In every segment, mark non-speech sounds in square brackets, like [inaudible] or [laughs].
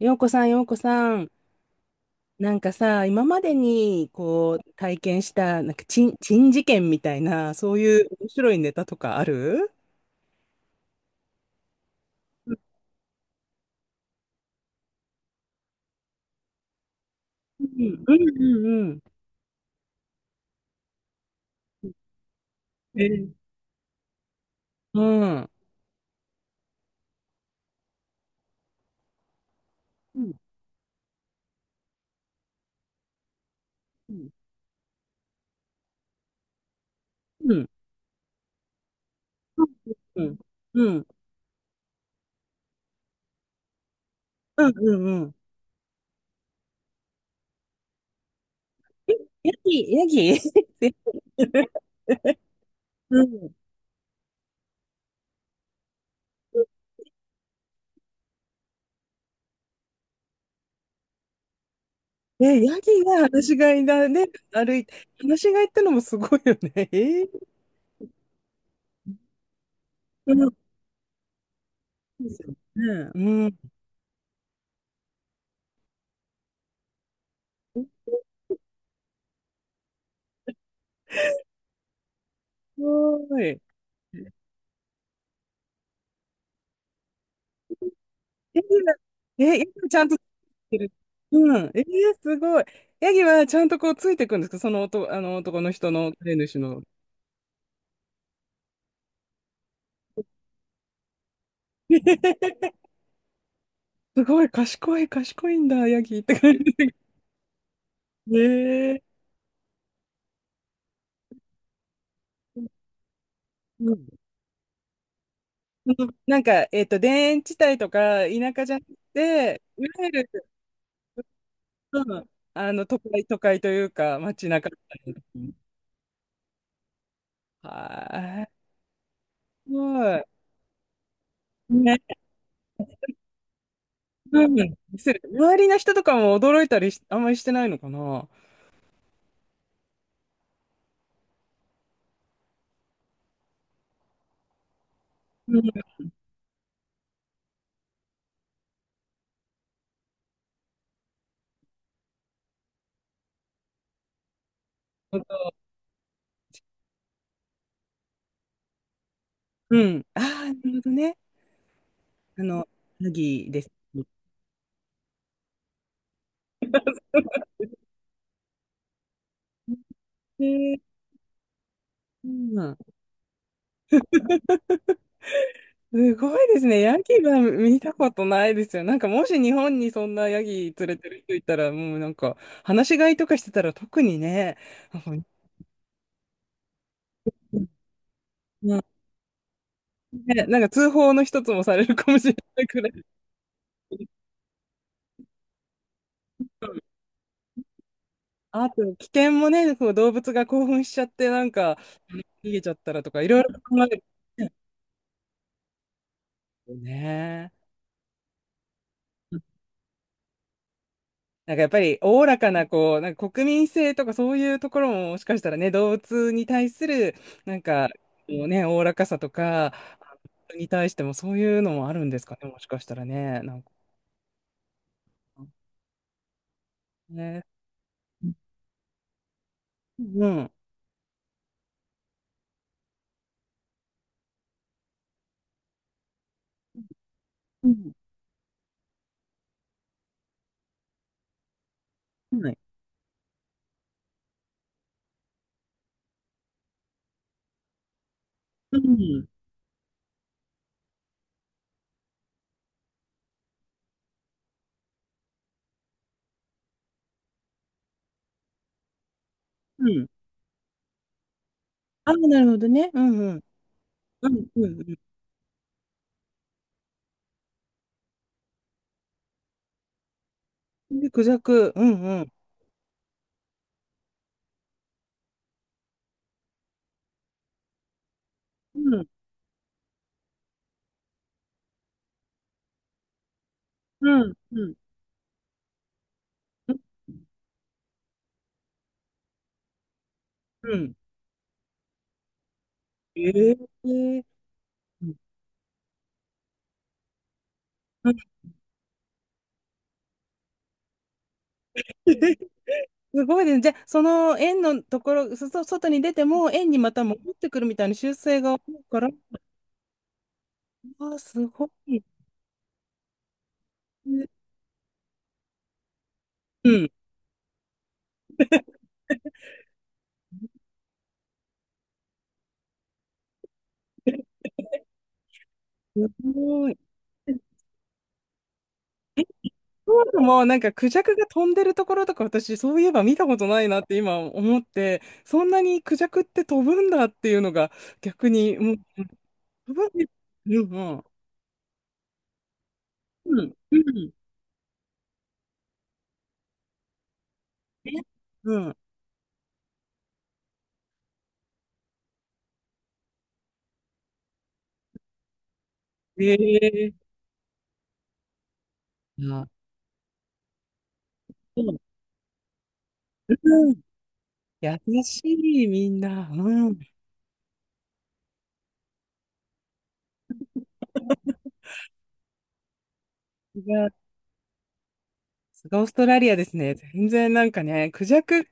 洋子さん、洋子さん、なんかさ、今までにこう体験した、なんか珍事件みたいな、そういう面白いネタとかある？うん、うん、うん、うん。えー、うん。うん、うん、うん、うん、うん、うん、うん。ヤギ、ヤギ [laughs] うん。え、ヤギが放し飼いだね、歩いて、放し飼いってのもすごいよね。[laughs] えー、うん、うん、すごい。ヤギが、え、ヤギがちゃんとてる。うん。えー、すごい。ヤギはちゃんとこうついてくんですか、その男、あの男の人の飼い主の。[laughs] すごい、賢い、賢いんだ、ヤギって感じで。ええ、うん、なんか、田園地帯とか田舎じゃなくて、いわゆる、うん、都会、都会というか、街中みたいな。はい。すごい。ね、うん。周りの人とかも驚いたりし、あんまりしてないのかな。うん。うん。ああ、なるほどね。あの、ヤギです。えー、うん。すごいですね。ヤギは見たことないですよ。なんかもし日本にそんなヤギ連れてる人いたら、もうなんか、話し飼いとかしてたら特にね、なんか、うん、ね、なんか通報の一つもされるかもしれないくらい。あと、危険もね、こう動物が興奮しちゃって、なんか逃げちゃったらとか、いろいろ考えるね。なんかやっぱり、おおらかな、こう、なんか国民性とかそういうところも、もしかしたらね、動物に対する、なんか、こうね、おおらかさとか、に対してもそういうのもあるんですかね、もしかしたらね。なんかね。うん。うん。はい。うん。うん。あ、なるほどね。うん、うん。うん、うん、うん。で、クジャク。うん、うん。うん。うん。うん。うん。ええー。うん。[laughs] すごいですね。じゃあ、その円のところ、外に出ても円にまた戻ってくるみたいな修正が多いから、あー、すごい。うん。すごい。そういも、なんかクジャクが飛んでるところとか私そういえば見たことないなって今思って、そんなにクジャクって飛ぶんだっていうのが逆にもう飛ぶんです。うん、うん、うん、うん、え、うん、ええ、うん、うん、優しいみんな、うん。さすオーストラリアですね。全然なんかね、クジャク、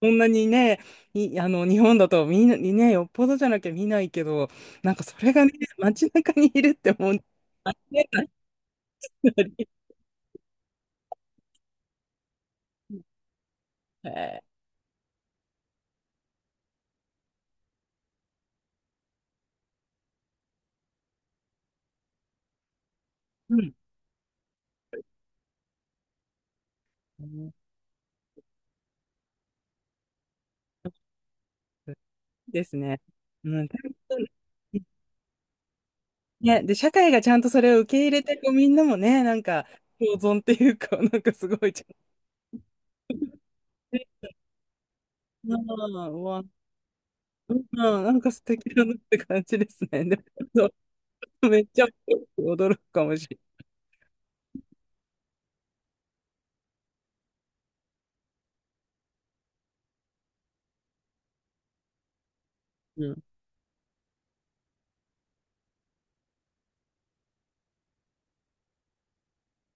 こんなにね、い、あの、日本だとみんなにね、よっぽどじゃなきゃ見ないけど、なんかそれがね、街中にいるってもうね、あり、えー、うん。ね、ですね。うん。ね、で、社会がちゃんとそれを受け入れて、こうみんなもね、なんか、共存っていうか、なんかすごいちゃんとね、うん、うわ、うん、なんか素敵だなって感じですね。でも、そう、めっちゃ驚くかもしれない。うん、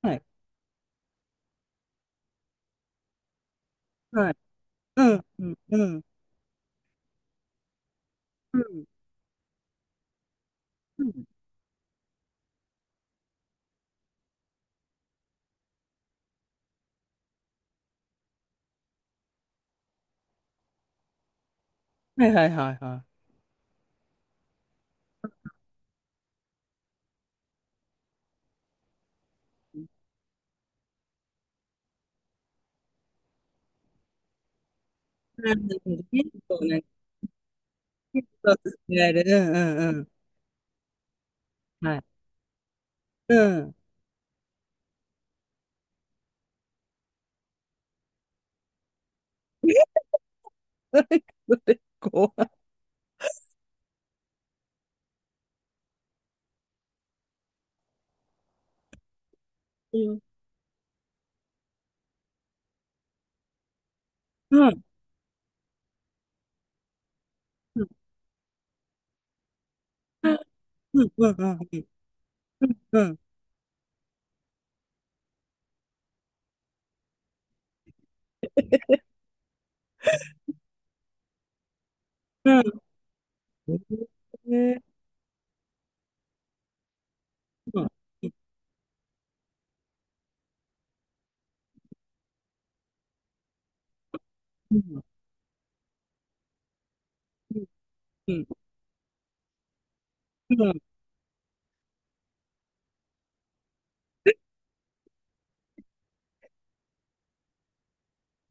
はい、はい。うん、うん、うん、うん。うん、はい、はい、はい、はい。なるほどね。結構ね、結構使える。うん、うん、うん。はい。うん。え、それ、怖い。うん。うん。うん。うん。うん。うん。うん。うん。え、うん。うん。うん。うん。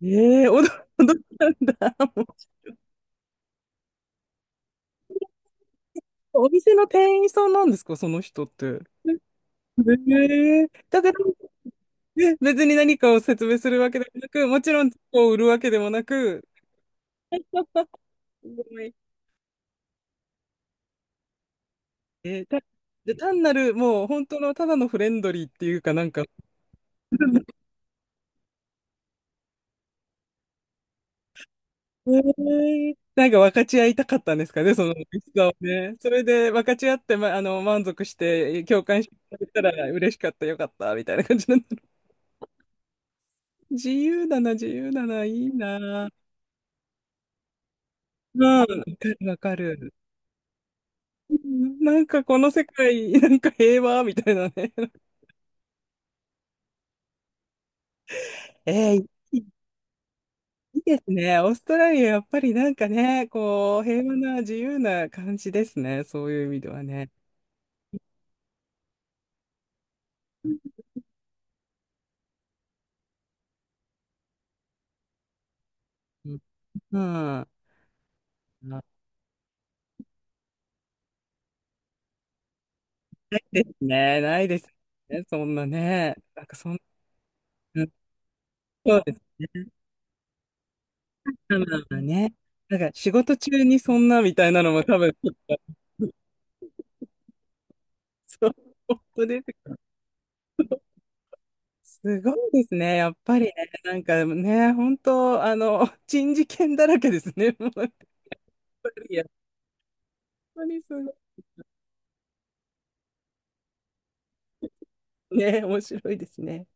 えー、驚いたんだ。もう、お店の店員さんなんですか、その人って。えー、だけど、[laughs] ね、別に何かを説明するわけでもなく、もちろん、こう売るわけでもなく、[laughs] すごい、えーた、で単なる、もう本当のただのフレンドリーっていうかなんか、なんか分かち合いたかったんですかね、その美味しさをね。それで分かち合って、ま、満足して、共感してくれたら嬉しかった、よかった、みたいな感じなんだろう。[laughs] 自由だな、自由だな、いいな。うん、わかる、わかる。うん、なんかこの世界、なんか平和、みたいなね。[laughs] えー、いいですね。オーストラリア、やっぱりなんかね、こう、平和な自由な感じですね。そういう意味ではね。うん。うん、ですね。ないですね。そんなね。なんかそんな、そうです。まあまあまあね。なんか仕事中にそんなみたいなのも多分、ちょっとそう、本当ですよ。すごいですね。やっぱりね。なんかね、本当、珍事件だらけですね。もう、やっぱり、やっぱりすごい。ね、面白いですね。